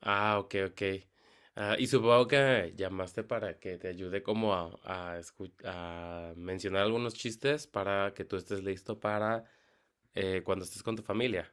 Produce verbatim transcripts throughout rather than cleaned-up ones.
Ah, ok, ok. Ah, y supongo que llamaste para que te ayude como a, a, escu- a mencionar algunos chistes para que tú estés listo para eh, cuando estés con tu familia.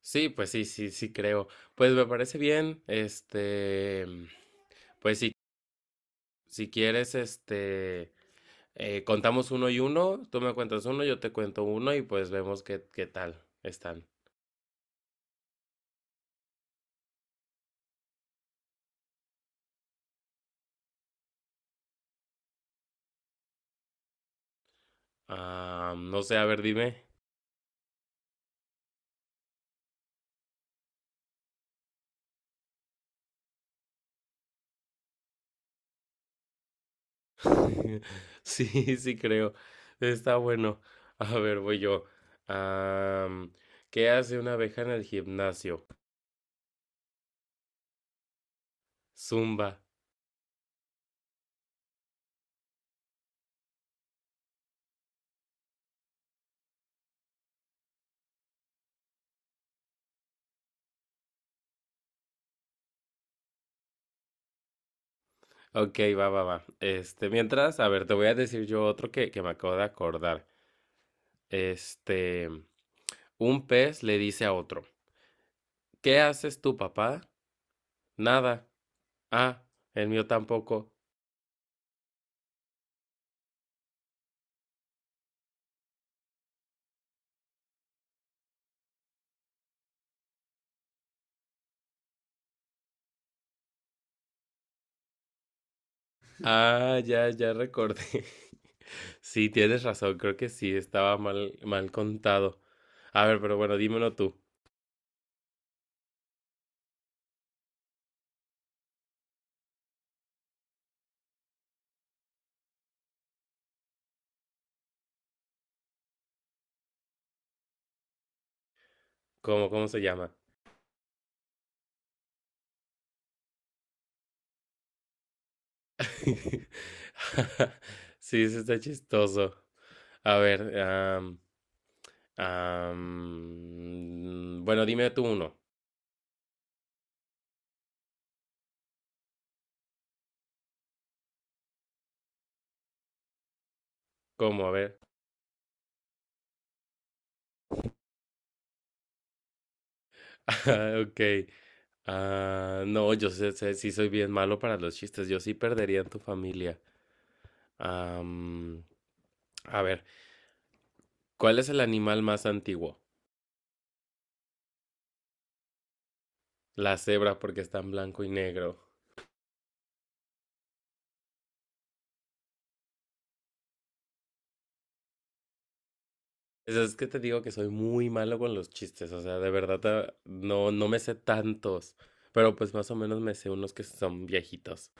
Sí, pues sí, sí, sí creo. Pues me parece bien, este, pues si, si quieres, este, eh, contamos uno y uno, tú me cuentas uno, yo te cuento uno y pues vemos qué, qué tal están. Ah, no sé, a ver, dime. Sí, sí creo. Está bueno. A ver, voy yo. Am, ¿Qué hace una abeja en el gimnasio? Zumba. Ok, va, va, va. Este, mientras, a ver, te voy a decir yo otro que, que me acabo de acordar. Este, un pez le dice a otro, ¿qué haces tú, papá? Nada. Ah, el mío tampoco. Ah, ya, ya recordé. Sí, tienes razón, creo que sí, estaba mal, mal contado. A ver, pero bueno, dímelo tú. ¿Cómo, cómo se llama? Sí, eso está chistoso. A ver, am, am, bueno, dime tú uno. ¿Cómo? A ver. Ok. Ah, no, yo sé, sé- sí soy bien malo para los chistes. Yo sí perdería en tu familia. Am, a ver, ¿cuál es el animal más antiguo? La cebra porque está en blanco y negro. Es, es que te digo que soy muy malo con los chistes, o sea, de verdad ah, no, no me sé tantos, pero pues más o menos me sé unos que son viejitos.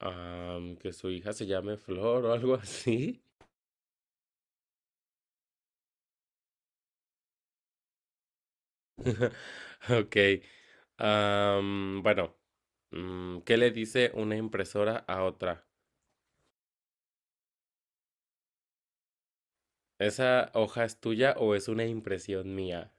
Am, que su hija se llame Flor o algo así. Ok. Am, bueno, mm, ¿qué le dice una impresora a otra? ¿Esa hoja es tuya o es una impresión mía?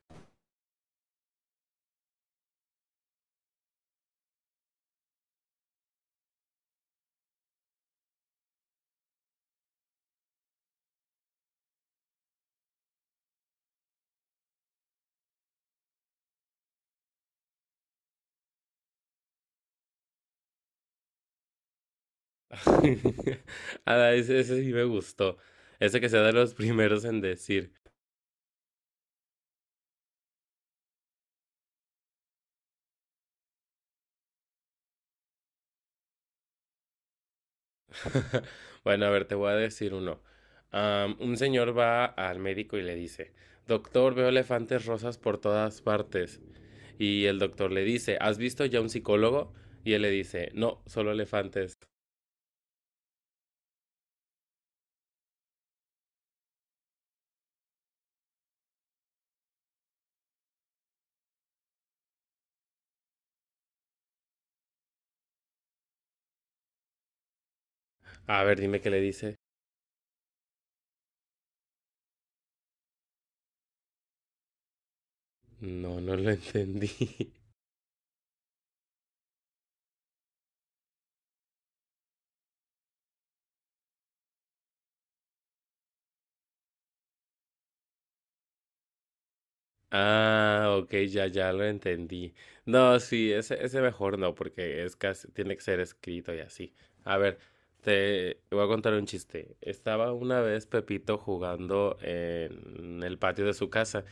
Ah, ese, ese sí me gustó. Ese que sea de los primeros en decir. Bueno, a ver, te voy a decir uno. Am, un señor va al médico y le dice, doctor, veo elefantes rosas por todas partes. Y el doctor le dice, ¿has visto ya un psicólogo? Y él le dice, no, solo elefantes. A ver, dime qué le dice. No, no lo entendí. Ah, ok, ya, ya lo entendí. No, sí, ese, ese mejor no, porque es casi, tiene que ser escrito y así. A ver, te voy a contar un chiste. Estaba una vez Pepito jugando en el patio de su casa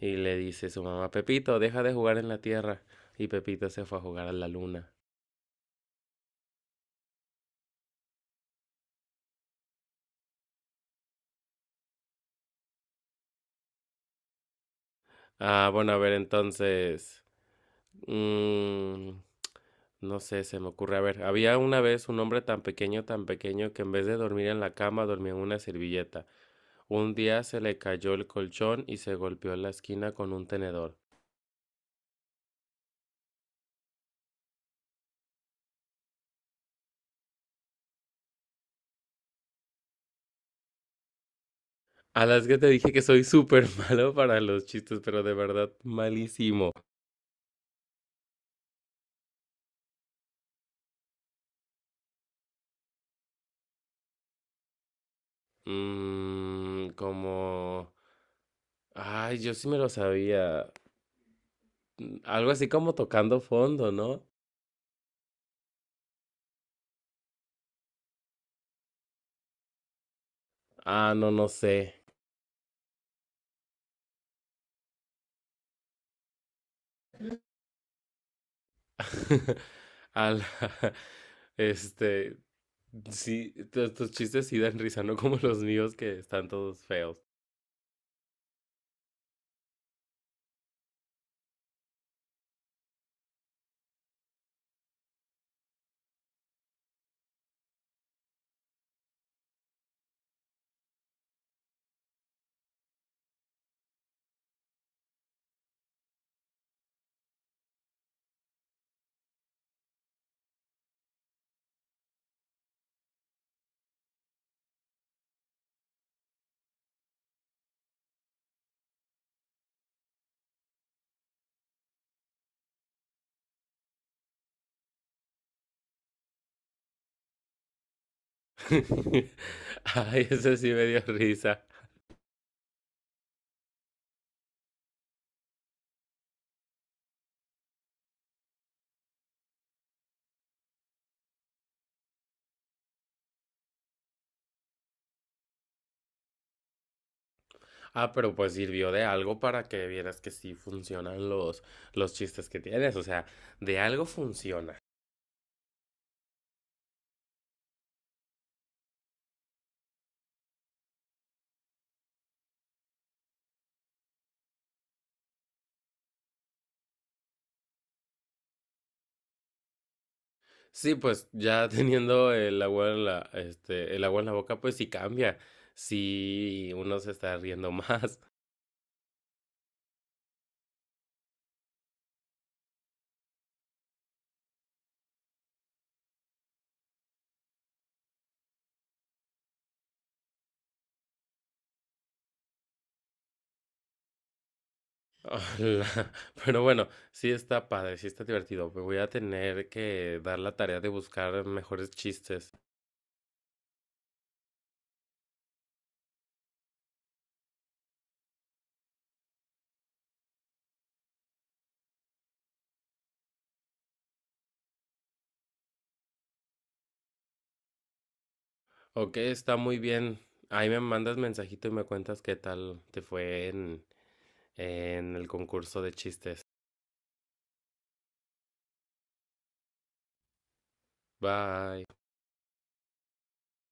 y le dice su mamá, Pepito, deja de jugar en la tierra. Y Pepito se fue a jugar a la luna. Ah, bueno, a ver, entonces. Mm, no sé, se me ocurre. A ver, había una vez un hombre tan pequeño, tan pequeño, que en vez de dormir en la cama dormía en una servilleta. Un día se le cayó el colchón y se golpeó en la esquina con un tenedor. A las que te dije que soy súper malo para los chistes, pero de verdad malísimo. Mmm, como... Ay, yo sí me lo sabía. Mm, algo así como tocando fondo, ¿no? Ah, no, no sé. A la- este, sí, tu- tus chistes sí dan risa, no como los míos que están todos feos. Ay, ese sí me dio risa. Ah, pero pues sirvió de algo para que vieras que sí funcionan los, los chistes que tienes, o sea, de algo funciona. Sí, pues ya teniendo el agua en la, este, el agua en la boca, pues sí cambia. Sí, uno se está riendo más. Ojalá. Pero bueno, sí está padre, sí está divertido. Me voy a tener que dar la tarea de buscar mejores chistes. Ok, está muy bien. Ahí me mandas mensajito y me cuentas qué tal te fue en, en el concurso de chistes. Bye.